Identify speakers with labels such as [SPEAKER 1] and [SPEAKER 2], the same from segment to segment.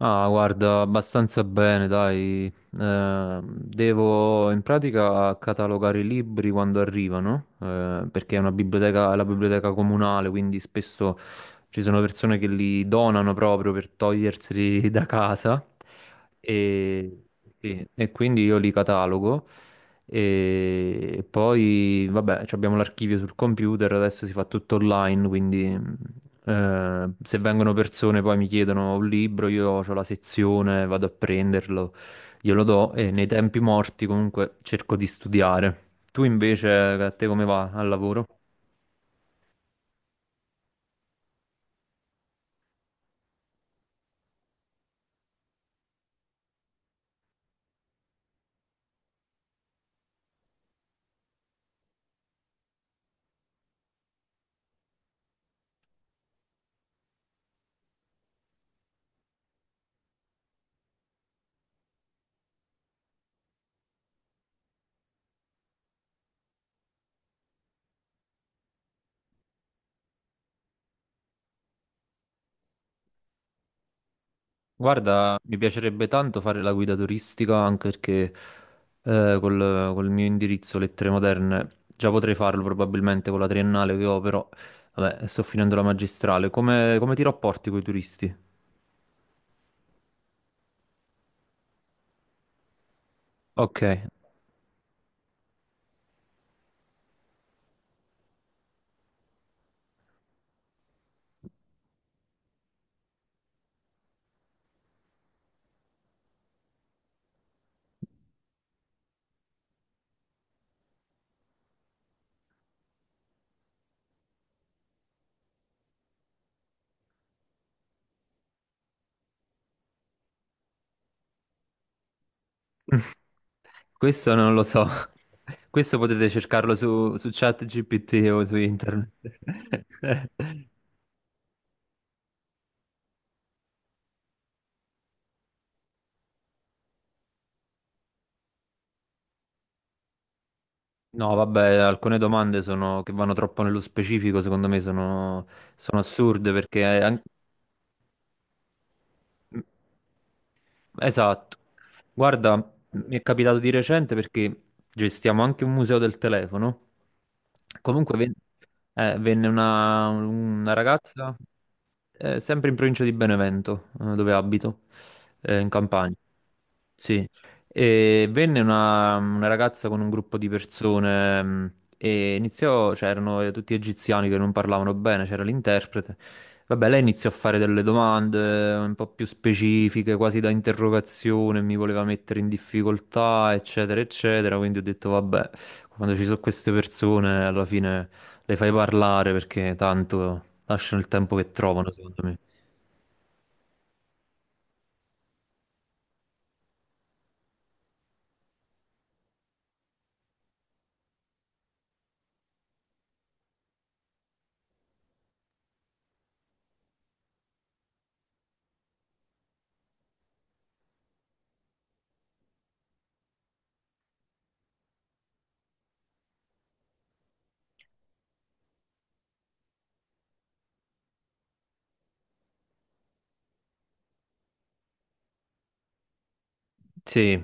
[SPEAKER 1] Ah, guarda, abbastanza bene, dai. Devo in pratica catalogare i libri quando arrivano, perché è una biblioteca, è la biblioteca comunale, quindi spesso ci sono persone che li donano proprio per toglierseli da casa. E, sì, e quindi io li catalogo. E poi, vabbè, ci abbiamo l'archivio sul computer, adesso si fa tutto online, quindi. Se vengono persone poi mi chiedono un libro, io ho la sezione, vado a prenderlo, glielo do e nei tempi morti comunque cerco di studiare. Tu invece, a te come va al lavoro? Guarda, mi piacerebbe tanto fare la guida turistica anche perché col mio indirizzo Lettere Moderne già potrei farlo probabilmente con la triennale che ho, però vabbè, sto finendo la magistrale. Come ti rapporti con i turisti? Ok. Questo non lo so. Questo potete cercarlo su ChatGPT o su internet. No, vabbè, alcune domande sono, che vanno troppo nello specifico, secondo me sono assurde perché mm, esatto. Guarda, mi è capitato di recente perché gestiamo anche un museo del telefono. Comunque ven- Venne una ragazza. Sempre in provincia di Benevento, dove abito, in Campania. Sì, e venne una ragazza con un gruppo di persone e cioè erano tutti egiziani che non parlavano bene, c'era l'interprete. Vabbè, lei iniziò a fare delle domande un po' più specifiche, quasi da interrogazione, mi voleva mettere in difficoltà, eccetera, eccetera. Quindi ho detto, vabbè, quando ci sono queste persone, alla fine le fai parlare perché tanto lasciano il tempo che trovano, secondo me. Sì,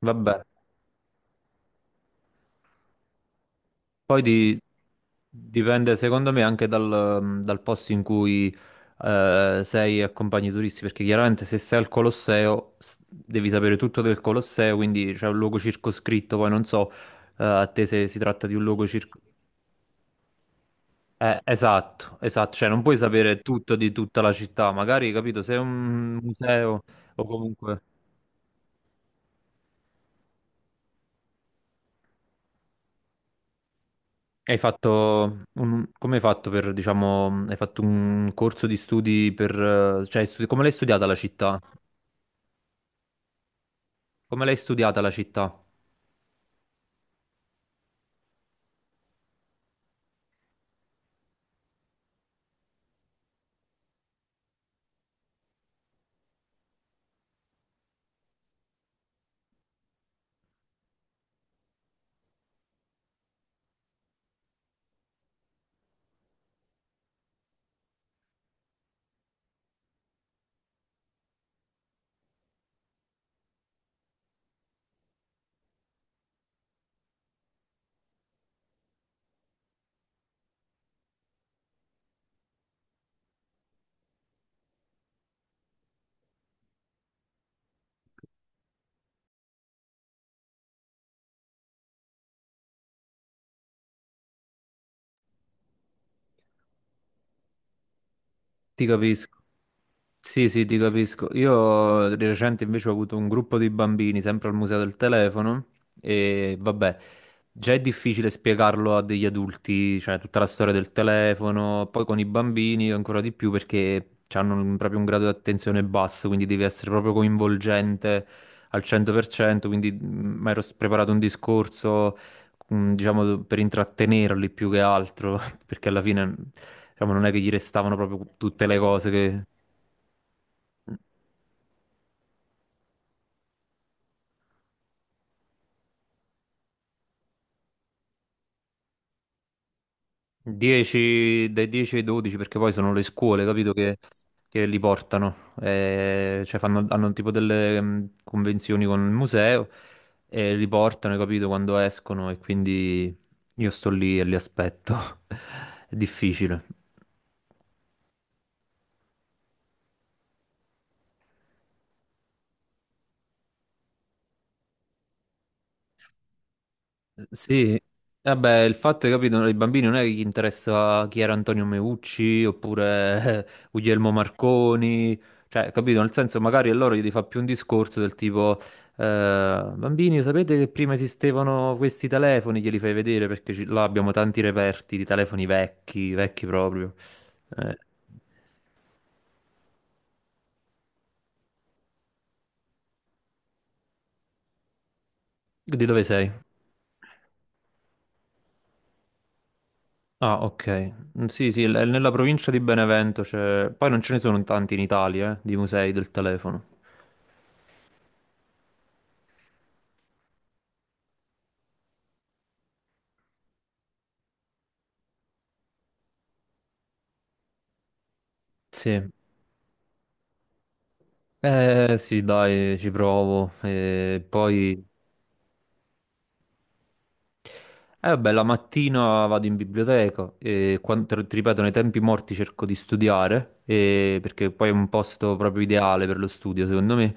[SPEAKER 1] vabbè. Poi di- Dipende, secondo me, anche dal posto in cui sei e accompagni i turisti, perché chiaramente se sei al Colosseo devi sapere tutto del Colosseo, quindi c'è un luogo circoscritto, poi non so a te se si tratta di un luogo circoscritto. Esatto, cioè non puoi sapere tutto di tutta la città, magari, capito, se è un museo o comunque... Hai fatto un... come hai fatto per, diciamo, hai fatto un corso di studi per, come l'hai studiata la città? Come l'hai studiata la città? Ti capisco. Sì, ti capisco. Io di recente invece ho avuto un gruppo di bambini, sempre al museo del telefono, e vabbè, già è difficile spiegarlo a degli adulti, cioè tutta la storia del telefono, poi con i bambini ancora di più perché proprio un grado di attenzione basso, quindi devi essere proprio coinvolgente al 100%, quindi preparato un discorso, diciamo, per intrattenerli più che altro, perché alla fine, diciamo, non è che gli restavano proprio tutte le cose che... 10, dai 10 ai 12 perché poi sono le scuole, capito, che li portano. Cioè fanno, hanno tipo delle convenzioni con il museo e li portano, hai capito, quando escono e quindi io sto lì e li aspetto. È difficile. Sì, vabbè, il fatto è che capito, ai bambini non è che gli interessa chi era Antonio Meucci oppure Guglielmo Marconi, cioè, capito, nel senso magari a loro gli fa più un discorso del tipo, bambini, sapete che prima esistevano questi telefoni, glieli fai vedere perché là abbiamo tanti reperti di telefoni vecchi, vecchi proprio. Eh, di dove sei? Ah, ok. Mm, sì, nella provincia di Benevento c'è... Poi non ce ne sono tanti in Italia, di musei del telefono. Sì. Eh sì, dai, ci provo. E poi, eh vabbè, la mattina vado in biblioteca e quando, ti ripeto, nei tempi morti cerco di studiare, perché poi è un posto proprio ideale per lo studio, secondo me.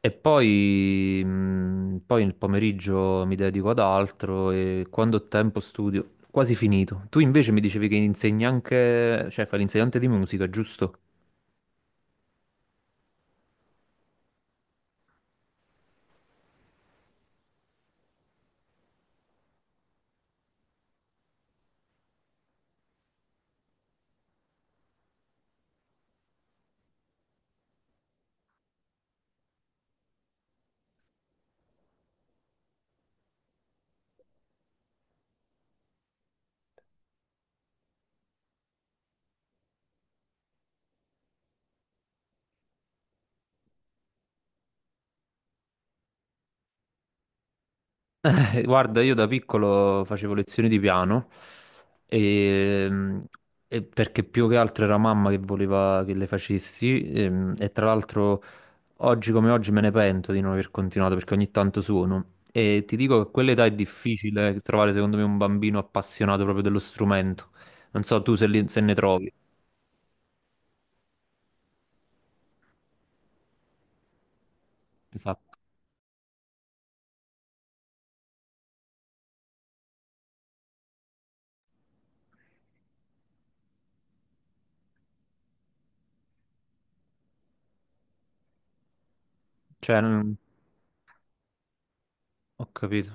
[SPEAKER 1] E poi, poi nel pomeriggio mi dedico ad altro e quando ho tempo studio, quasi finito. Tu invece mi dicevi che insegni anche, cioè fai l'insegnante di musica, giusto? Guarda, io da piccolo facevo lezioni di piano e, mm, e perché più che altro era mamma che voleva che le facessi e tra l'altro oggi come oggi me ne pento di non aver continuato perché ogni tanto suono e ti dico che a quell'età è difficile trovare secondo me un bambino appassionato proprio dello strumento. Non so tu se ne trovi. Esatto. Cioè, non- Ho capito.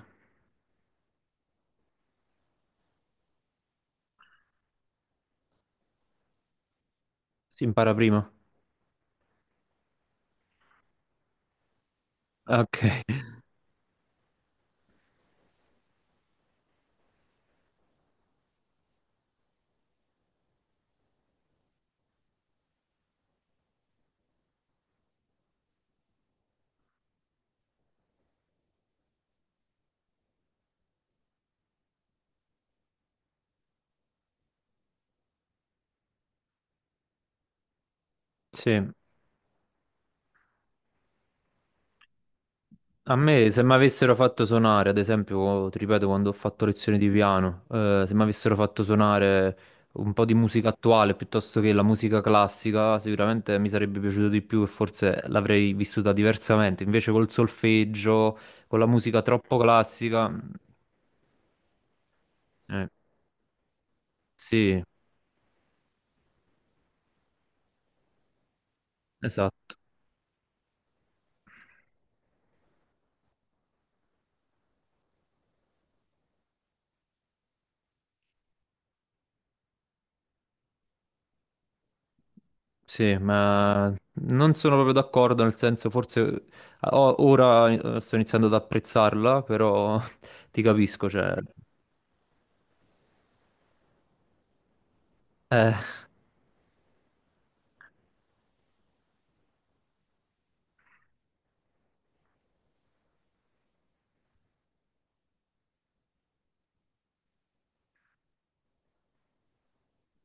[SPEAKER 1] Si impara prima. Ok, sì. A me, se mi avessero fatto suonare, ad esempio, ti ripeto, quando ho fatto lezioni di piano, se mi avessero fatto suonare un po' di musica attuale piuttosto che la musica classica, sicuramente mi sarebbe piaciuto di più e forse l'avrei vissuta diversamente. Invece col solfeggio, con la musica troppo classica, eh, sì, esatto. Sì, ma non sono proprio d'accordo, nel senso, forse ora sto iniziando ad apprezzarla, però ti capisco, cioè... eh.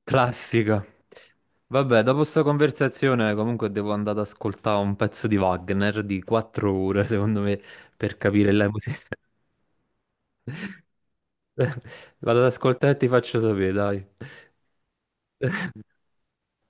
[SPEAKER 1] Classica. Vabbè, dopo sta conversazione comunque devo andare ad ascoltare un pezzo di Wagner di 4 ore, secondo me, per capire la musica. Vado ad ascoltare e ti faccio sapere, dai.